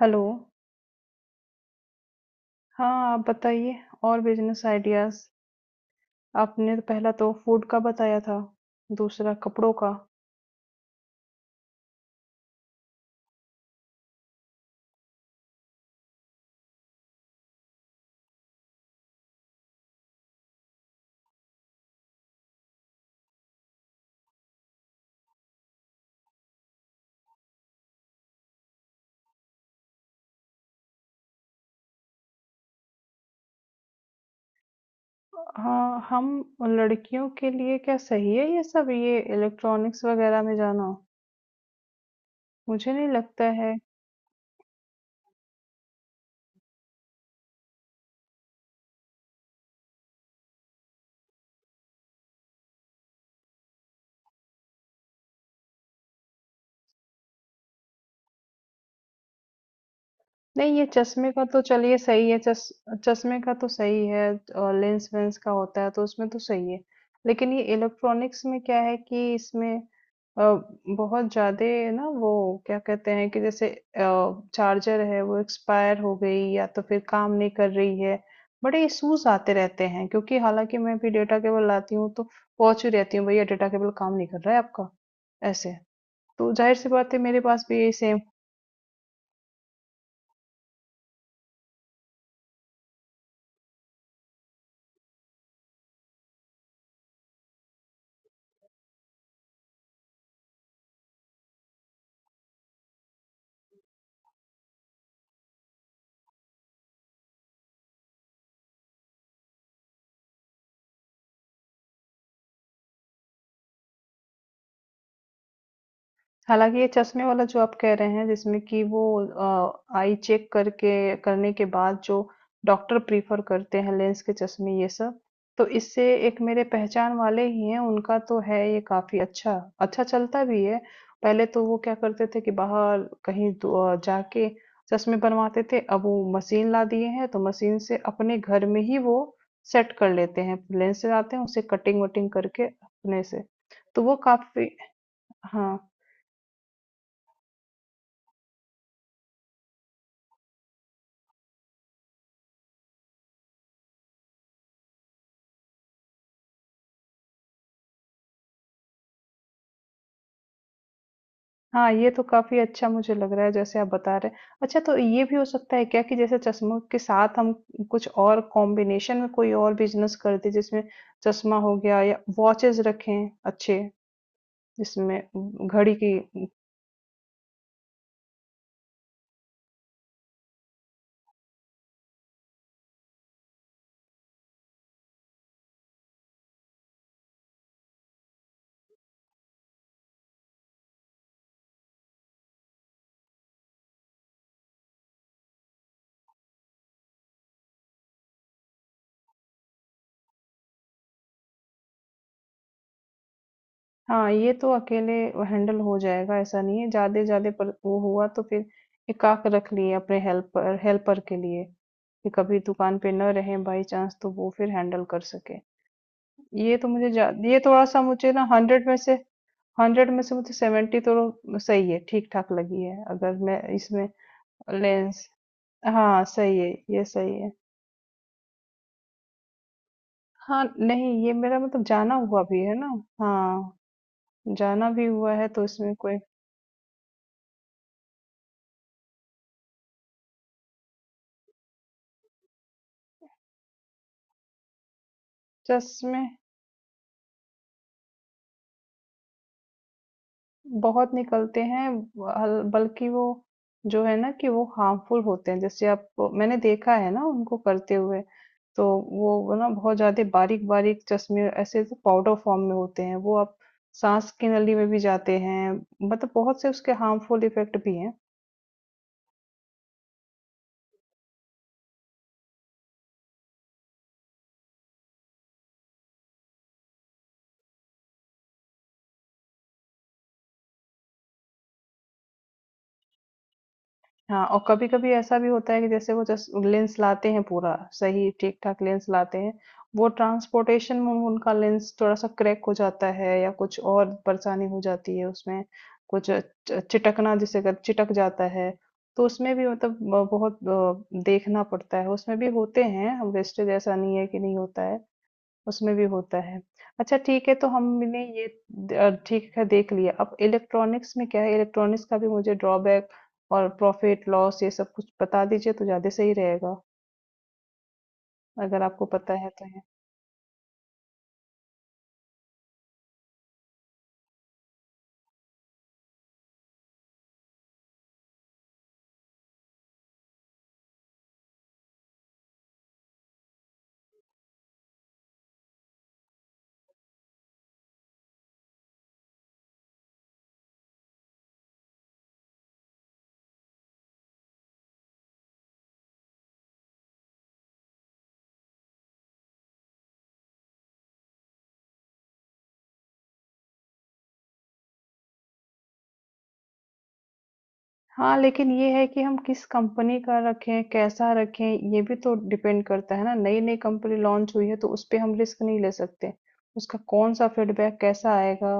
Hello. हाँ, आप बताइए और बिज़नेस आइडियाज़। आपने तो पहला तो फूड का बताया था, दूसरा कपड़ों का। हाँ, हम लड़कियों के लिए क्या सही है ये सब? ये इलेक्ट्रॉनिक्स वगैरह में जाना? मुझे नहीं लगता है। नहीं ये चश्मे का तो चलिए सही है। चश चश्मे का तो सही है। और लेंस वेंस का होता है तो उसमें तो सही है। लेकिन ये इलेक्ट्रॉनिक्स में क्या है कि इसमें अ, बहुत ज्यादा, ना वो क्या कहते हैं कि जैसे चार्जर है वो एक्सपायर हो गई या तो फिर काम नहीं कर रही है। बड़े इश्यूज आते रहते हैं क्योंकि हालांकि मैं भी डेटा केबल लाती हूँ तो पहुंच ही रहती हूँ, भैया डेटा केबल काम नहीं कर रहा है आपका ऐसे। तो जाहिर सी बात है मेरे पास भी यही सेम। हालाँकि ये चश्मे वाला जो आप कह रहे हैं जिसमें कि वो आई चेक करके करने के बाद जो डॉक्टर प्रेफ़र करते हैं लेंस के चश्मे ये सब, तो इससे एक मेरे पहचान वाले ही हैं, उनका तो है ये काफ़ी अच्छा, अच्छा चलता भी है। पहले तो वो क्या करते थे कि बाहर कहीं दो जाके चश्मे बनवाते थे, अब वो मशीन ला दिए हैं तो मशीन से अपने घर में ही वो सेट कर लेते हैं। लेंस से लाते हैं उसे कटिंग-वटिंग करके अपने से, तो वो काफ़ी। हाँ। हाँ, ये तो काफ़ी अच्छा मुझे लग रहा है जैसे आप बता रहे हैं। अच्छा, तो ये भी हो सकता है क्या कि जैसे चश्मों के साथ हम कुछ और कॉम्बिनेशन में कोई और बिजनेस कर दें जिसमें चश्मा हो गया, या वॉचेस रखें अच्छे जिसमें घड़ी की हाँ, ये तो अकेले हैंडल हो जाएगा ऐसा नहीं है। ज़्यादा ज़्यादा पर वो हुआ तो फिर एकाक रख लिए अपने हेल्पर हेल्पर के लिए, कि कभी दुकान पे न रहें बाई चांस तो वो फिर हैंडल कर सके। ये तो मुझे जा ये थोड़ा-सा मुझे ना 100 में से मुझे 70 तो सही है ठीक-ठाक लगी है अगर मैं इसमें लेंस। हाँ, सही है, ये सही है। हाँ, नहीं ये मेरा मतलब जाना हुआ भी है ना? हाँ, जाना भी हुआ है तो इसमें कोई चश्मे बहुत निकलते हैं। बल्कि वो जो है ना कि वो हार्मफुल होते हैं, जैसे आप। मैंने देखा है ना उनको करते हुए। तो वो ना बहुत ज्यादा बारीक बारीक चश्मे ऐसे पाउडर फॉर्म में होते हैं, वो आप सांस की नली में भी जाते हैं। मतलब बहुत से उसके हार्मफुल इफेक्ट भी हैं। हाँ, और कभी-कभी ऐसा भी होता है कि जैसे वो जस लेंस लाते हैं पूरा, सही ठीक-ठाक लेंस लाते हैं, वो ट्रांसपोर्टेशन में उनका लेंस थोड़ा-सा क्रैक हो जाता है या कुछ और परेशानी हो जाती है उसमें, कुछ च चिटकना जिसे कर चिटक जाता है, तो उसमें भी मतलब ब बहुत देखना पड़ता है, उसमें भी होते हैं वेस्टेज, ऐसा नहीं है कि नहीं होता है। उसमें भी होता है। अच्छा ठीक है, तो हमने ये द ठीक है देख लिया, अब इलेक्ट्रॉनिक्स में क्या है, इलेक्ट्रॉनिक्स का भी मुझे ड्रॉबैक और प्रॉफ़िट लॉस ये सब कुछ बता दीजिए तो ज़्यादा सही रहेगा, अगर आपको पता है तो है। हाँ, लेकिन ये है कि हम किस कंपनी का रखें, कैसा रखें, ये भी तो डिपेंड करता है ना, नई-नई कंपनी लॉन्च हुई है तो उसपे हम रिस्क नहीं ले सकते। उसका कौन-सा फीडबैक कैसा आएगा,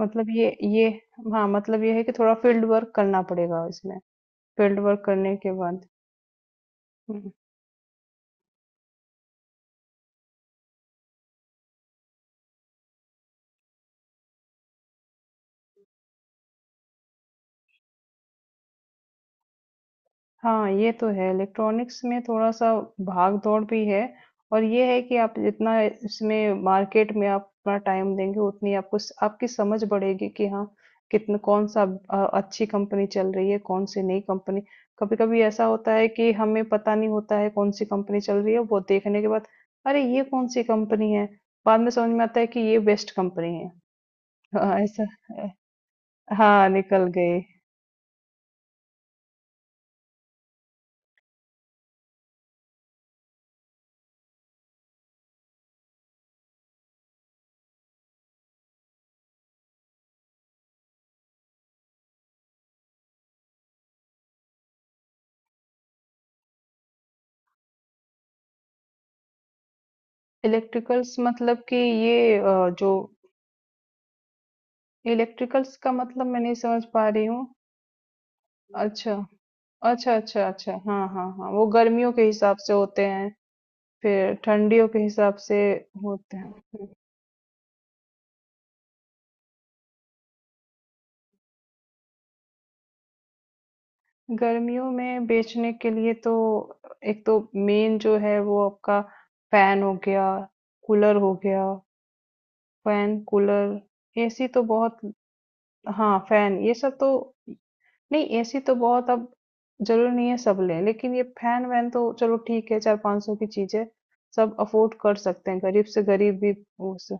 मतलब ये। हाँ, मतलब ये है कि थोड़ा फील्ड वर्क करना पड़ेगा इसमें, फील्ड वर्क करने के बाद। हुँ। हाँ, ये तो है इलेक्ट्रॉनिक्स में थोड़ा-सा भाग-दौड़ भी है। और ये है कि आप जितना इसमें मार्केट में आप अपना टाइम देंगे उतनी आपको स आपकी समझ बढ़ेगी कि हाँ, कितना कौन-सा अच्छी कंपनी चल रही है, कौन-सी नई कंपनी। कभी-कभी ऐसा होता है कि हमें पता नहीं होता है कौन-सी कंपनी चल रही है, वो देखने के बाद अरे! ये कौन-सी कंपनी है? बाद में समझ में आता है कि ये बेस्ट कंपनी है। हाँ, ऐसा अ, हाँ, निकल गए। इलेक्ट्रिकल्स मतलब कि ये जो, इलेक्ट्रिकल्स का मतलब मैं नहीं समझ पा रही हूँ। अच्छा, अच्छा, अच्छा, अच्छा। हाँ, हाँ, हाँ। वो गर्मियों के हिसाब से होते हैं, फिर ठंडियों के हिसाब से होते हैं। हुँ। गर्मियों में बेचने के लिए तो एक तो मेन जो है वो आपका फैन हो गया, कूलर हो गया, फैन, कूलर, एसी तो बहुत। हाँ, फैन ये सब तो। नहीं एसी तो बहुत अब जरूरी नहीं है सब लें, लेकिन ये फैन वैन तो चलो ठीक है, चार पांच सौ की चीज है, सब अफोर्ड कर सकते हैं गरीब से गरीब भी। उस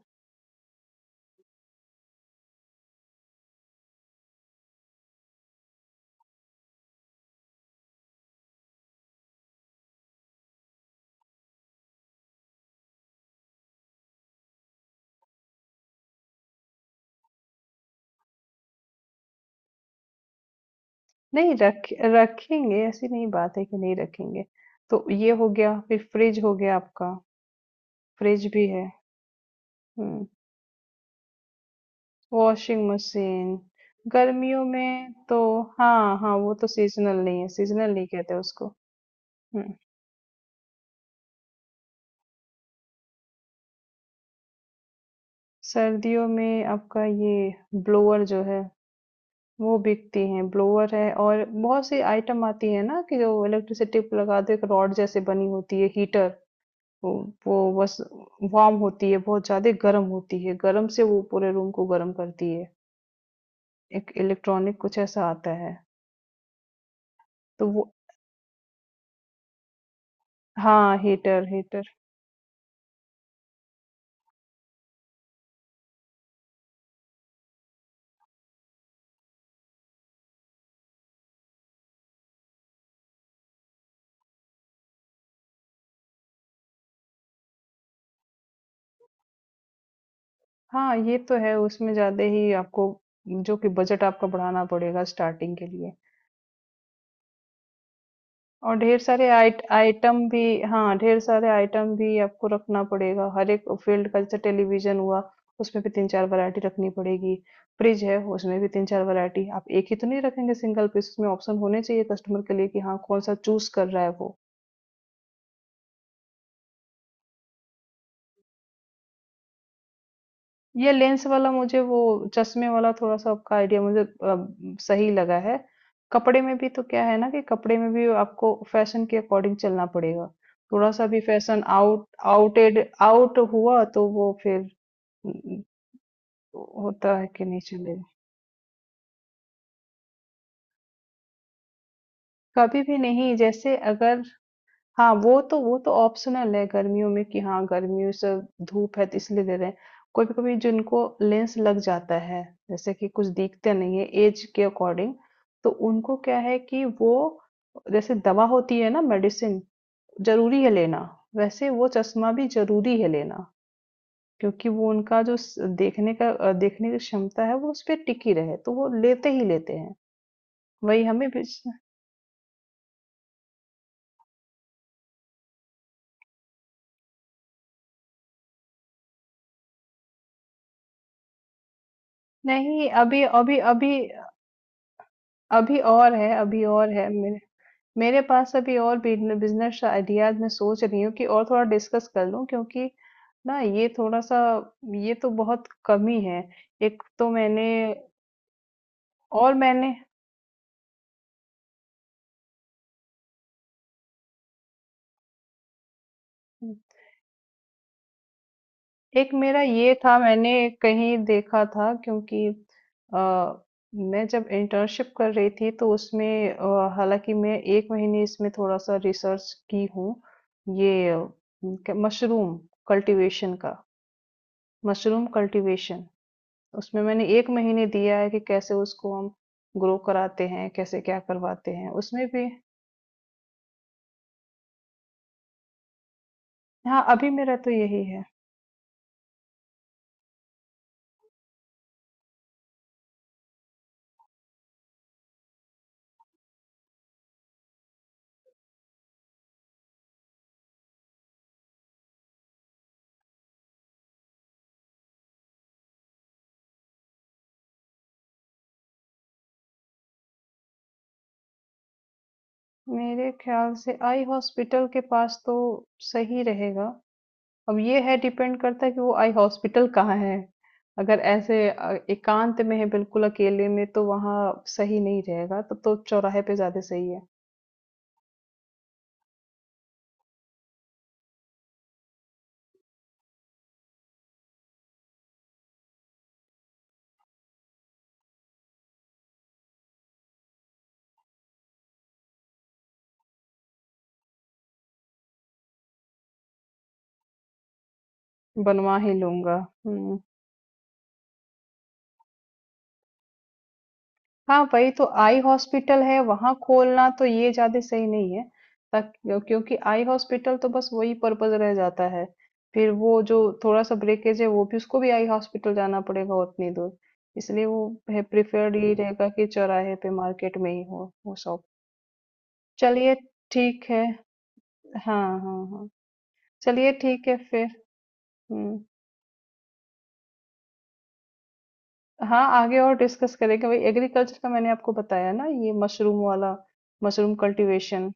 नहीं, रख रखेंगे, ऐसी नहीं बात है कि नहीं रखेंगे। तो ये हो गया, फिर फ्रिज हो गया आपका। फ्रिज भी है। हम्म। वॉशिंग मशीन, गर्मियों में तो। हाँ हाँ, वो तो सीजनल नहीं है, सीजनल नहीं कहते उसको। हम्म। सर्दियों में आपका ये ब्लोअर जो है वो बिकती हैं, ब्लोअर है और बहुत सी आइटम आती है ना कि जो इलेक्ट्रिसिटी पे लगाते हैं, एक रॉड जैसे बनी होती है हीटर। वो वो बस वार्म होती है, बहुत ज्यादा गर्म होती है, गर्म से वो पूरे रूम को गर्म करती है। एक इलेक्ट्रॉनिक कुछ ऐसा आता है तो वो। हाँ हीटर हीटर। हाँ ये तो है उसमें ज्यादा ही आपको, जो कि बजट आपका बढ़ाना पड़ेगा स्टार्टिंग के लिए, और ढेर सारे आइटम भी, हाँ ढेर सारे आइटम भी आपको रखना पड़ेगा हर एक फील्ड का, जैसे टेलीविजन हुआ उसमें भी तीन चार वैरायटी रखनी पड़ेगी, फ्रिज है उसमें भी तीन चार वैरायटी आप एक ही तो नहीं रखेंगे सिंगल पीस, उसमें ऑप्शन होने चाहिए कस्टमर के लिए कि हाँ कौन सा चूज कर रहा है वो। ये लेंस वाला मुझे वो चश्मे वाला थोड़ा सा आपका आइडिया मुझे सही लगा है। कपड़े में भी तो क्या है ना कि कपड़े में भी आपको फैशन के अकॉर्डिंग चलना पड़ेगा, थोड़ा सा भी फैशन आउट आउट हुआ तो वो फिर न- होता है कि नहीं चलेगा। कभी भी नहीं जैसे अगर। हाँ, वो तो ऑप्शनल है गर्मियों में कि हाँ गर्मियों से, धूप है तो इसलिए दे रहे हैं। कभी कभी जिनको लेंस लग जाता है, जैसे कि कुछ दिखते नहीं है एज के अकॉर्डिंग, तो उनको क्या है कि वो जैसे दवा होती है ना, मेडिसिन जरूरी है लेना, वैसे वो चश्मा भी जरूरी है लेना, क्योंकि वो उनका जो देखने का देखने की क्षमता है वो उस पर टिकी रहे तो वो लेते ही लेते हैं। वही हमें भी। नहीं, अभी अभी अभी अभी और है, अभी और है, मेरे मेरे पास अभी और बिजनेस आइडियाज मैं सोच रही हूँ कि और थोड़ा डिस्कस कर लूँ, क्योंकि ना ये थोड़ा सा, ये तो बहुत कमी है। एक तो मैंने, और मैंने, एक मेरा ये था, मैंने कहीं देखा था क्योंकि आ, मैं जब इंटर्नशिप कर रही थी तो उसमें हालांकि मैं एक महीने इसमें थोड़ा सा रिसर्च की हूँ, ये मशरूम कल्टीवेशन का, मशरूम कल्टीवेशन। उसमें मैंने 1 महीने दिया है कि कैसे उसको हम ग्रो कराते हैं, कैसे क्या करवाते हैं। उसमें भी। हाँ, अभी मेरा तो यही है। मेरे ख्याल से आई हॉस्पिटल के पास तो सही रहेगा। अब ये है डिपेंड करता है कि वो आई हॉस्पिटल कहाँ है। अगर ऐसे एकांत में है बिल्कुल अकेले में तो वहाँ सही नहीं रहेगा, तब तो चौराहे पे ज़्यादा सही है। बनवा ही लूँगा। हुँ। हाँ, वही तो आई हॉस्पिटल है, वहां खोलना तो ये ज्यादा सही नहीं है तक, क्योंकि आई हॉस्पिटल तो बस वही पर्पज रह जाता है, फिर वो जो थोड़ा सा ब्रेकेज है वो भी, उसको भी आई हॉस्पिटल जाना पड़ेगा उतनी दूर, इसलिए वो है प्रिफर्ड, ये रहेगा कि चौराहे पे मार्केट में ही हो वो शॉप। चलिए ठीक है। हाँ हाँ हाँ, चलिए ठीक है फिर। हम्म। हाँ आगे और डिस्कस करेंगे, वही एग्रीकल्चर का मैंने आपको बताया ना, ये मशरूम वाला, मशरूम कल्टीवेशन।